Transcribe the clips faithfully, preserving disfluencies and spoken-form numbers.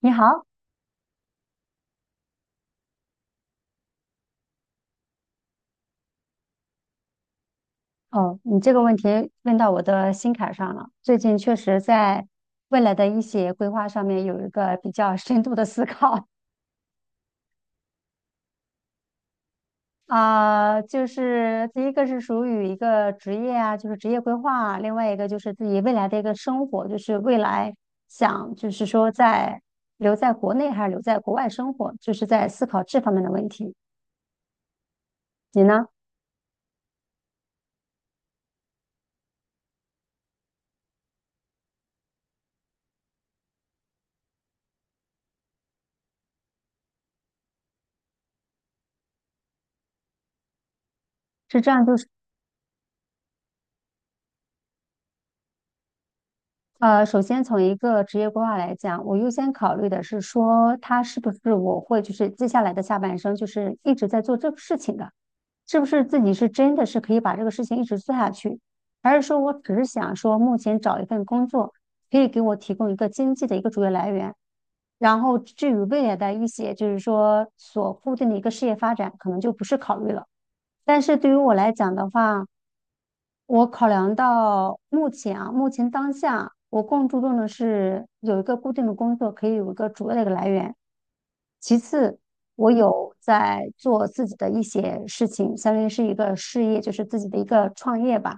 你好，哦，你这个问题问到我的心坎上了。最近确实在未来的一些规划上面有一个比较深度的思考。 啊、就是第一个是属于一个职业啊，就是职业规划啊；另外一个就是自己未来的一个生活，就是未来想就是说在留在国内还是留在国外生活，就是在思考这方面的问题。你呢？是这样，就是呃，首先从一个职业规划来讲，我优先考虑的是说，他是不是我会就是接下来的下半生就是一直在做这个事情的，是不是自己是真的是可以把这个事情一直做下去，还是说我只是想说目前找一份工作可以给我提供一个经济的一个主要来源，然后至于未来的一些，就是说所固定的一个事业发展，可能就不是考虑了。但是对于我来讲的话，我考量到目前啊，目前当下，我更注重的是有一个固定的工作，可以有一个主要的一个来源。其次，我有在做自己的一些事情，相当于是一个事业，就是自己的一个创业吧。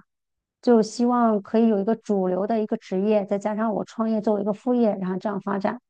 就希望可以有一个主流的一个职业，再加上我创业作为一个副业，然后这样发展。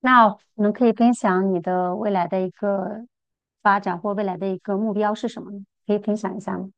那我们可以分享你的未来的一个发展或未来的一个目标是什么呢？可以分享一下吗？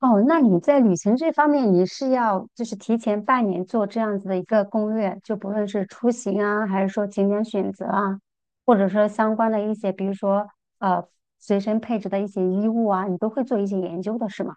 哦，那你在旅行这方面，你是要就是提前半年做这样子的一个攻略，就不论是出行啊，还是说景点选择啊，或者说相关的一些，比如说呃随身配置的一些衣物啊，你都会做一些研究的，是吗？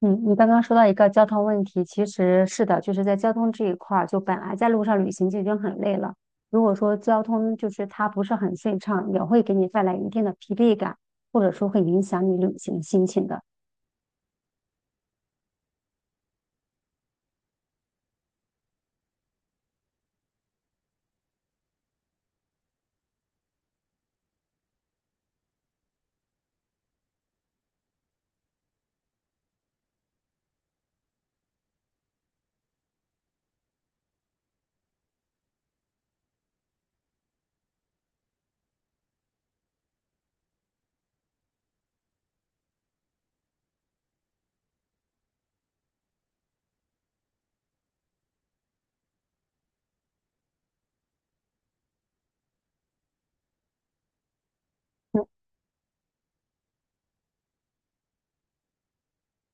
嗯，你刚刚说到一个交通问题，其实是的，就是在交通这一块儿，就本来在路上旅行就已经很累了，如果说交通就是它不是很顺畅，也会给你带来一定的疲惫感，或者说会影响你旅行心情的。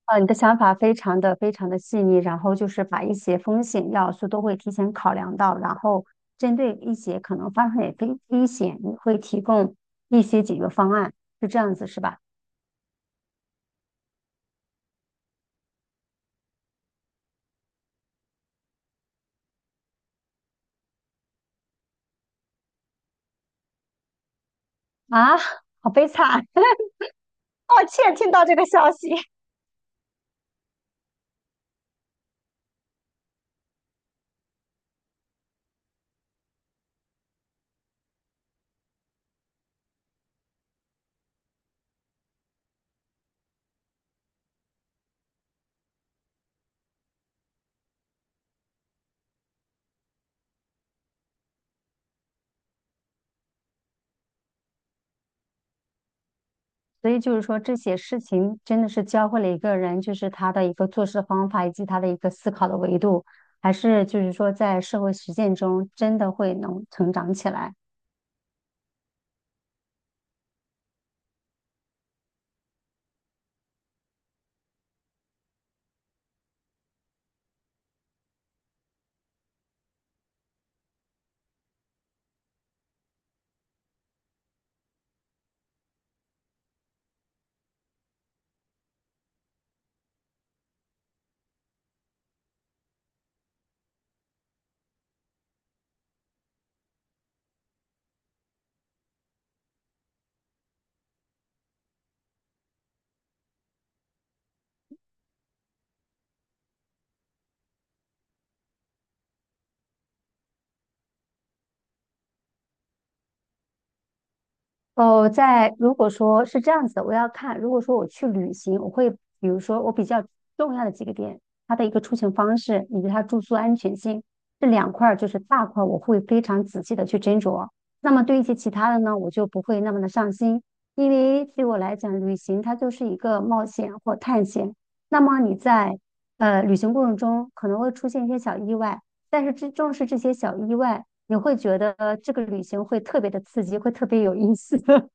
呃，你的想法非常的非常的细腻，然后就是把一些风险要素都会提前考量到，然后针对一些可能发生的危危险，你会提供一些解决方案，是这样子是吧？啊，好悲惨，抱歉听到这个消息。所以就是说，这些事情真的是教会了一个人，就是他的一个做事的方法，以及他的一个思考的维度，还是就是说在社会实践中真的会能成长起来。哦，在如果说是这样子的，我要看。如果说我去旅行，我会比如说我比较重要的几个点，它的一个出行方式以及它住宿安全性这两块，就是大块，我会非常仔细的去斟酌。那么对一些其他的呢，我就不会那么的上心，因为对我来讲，旅行它就是一个冒险或探险。那么你在呃旅行过程中可能会出现一些小意外，但是这正是这些小意外。你会觉得这个旅行会特别的刺激，会特别有意思。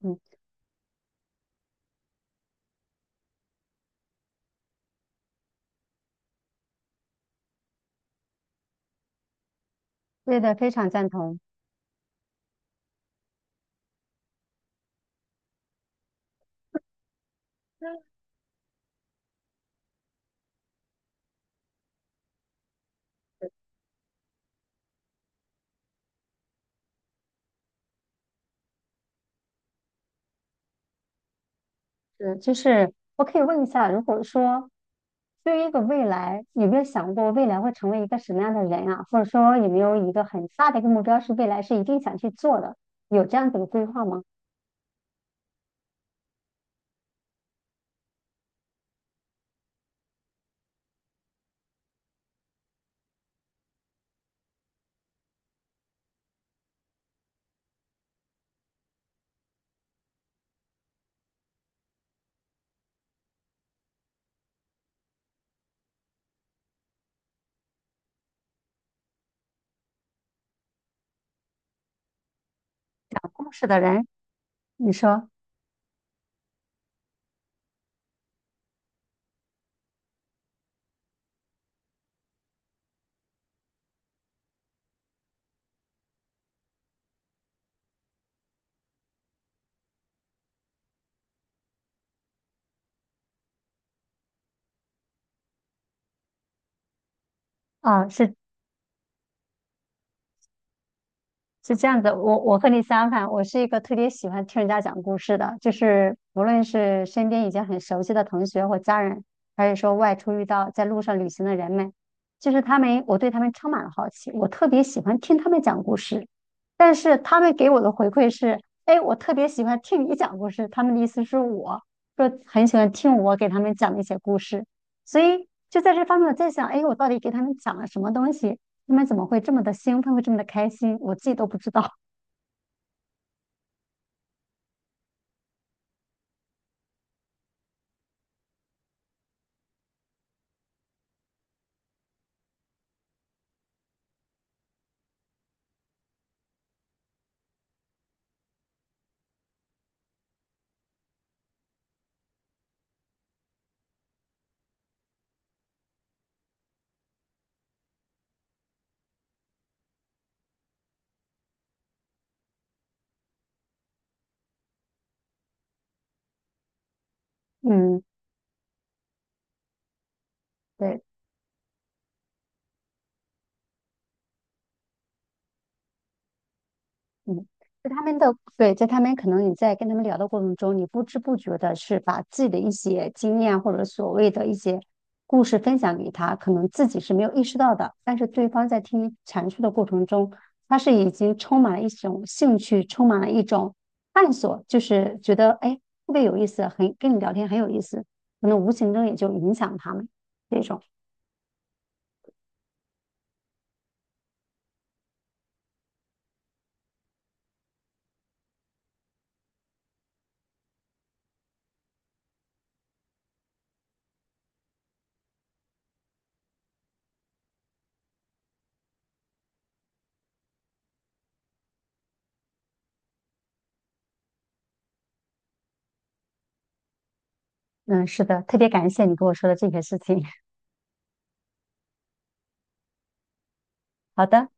嗯，对的，非常赞同。嗯，就是我可以问一下，如果说对于一个未来，有没有想过未来会成为一个什么样的人啊？或者说有没有一个很大的一个目标是未来是一定想去做的？有这样子的规划吗？讲故事的人，你说啊，是是这样子，我我和你相反，我是一个特别喜欢听人家讲故事的，就是无论是身边已经很熟悉的同学或家人，还是说外出遇到在路上旅行的人们，就是他们，我对他们充满了好奇，我特别喜欢听他们讲故事。但是他们给我的回馈是，哎，我特别喜欢听你讲故事。他们的意思是我说很喜欢听我给他们讲的一些故事，所以就在这方面我在想，哎，我到底给他们讲了什么东西？他们怎么会这么的兴奋，会这么的开心，我自己都不知道。嗯 对，嗯，在他们的，对，在他们可能你在跟他们聊的过程中，你不知不觉的是把自己的一些经验或者所谓的一些故事分享给他，可能自己是没有意识到的，但是对方在听你阐述的过程中，他是已经充满了一种兴趣，充满了一种探索，就是觉得哎，特别有意思，很跟你聊天很有意思，可能无形中也就影响他们这种。嗯，是的，特别感谢你跟我说的这些事情。好的。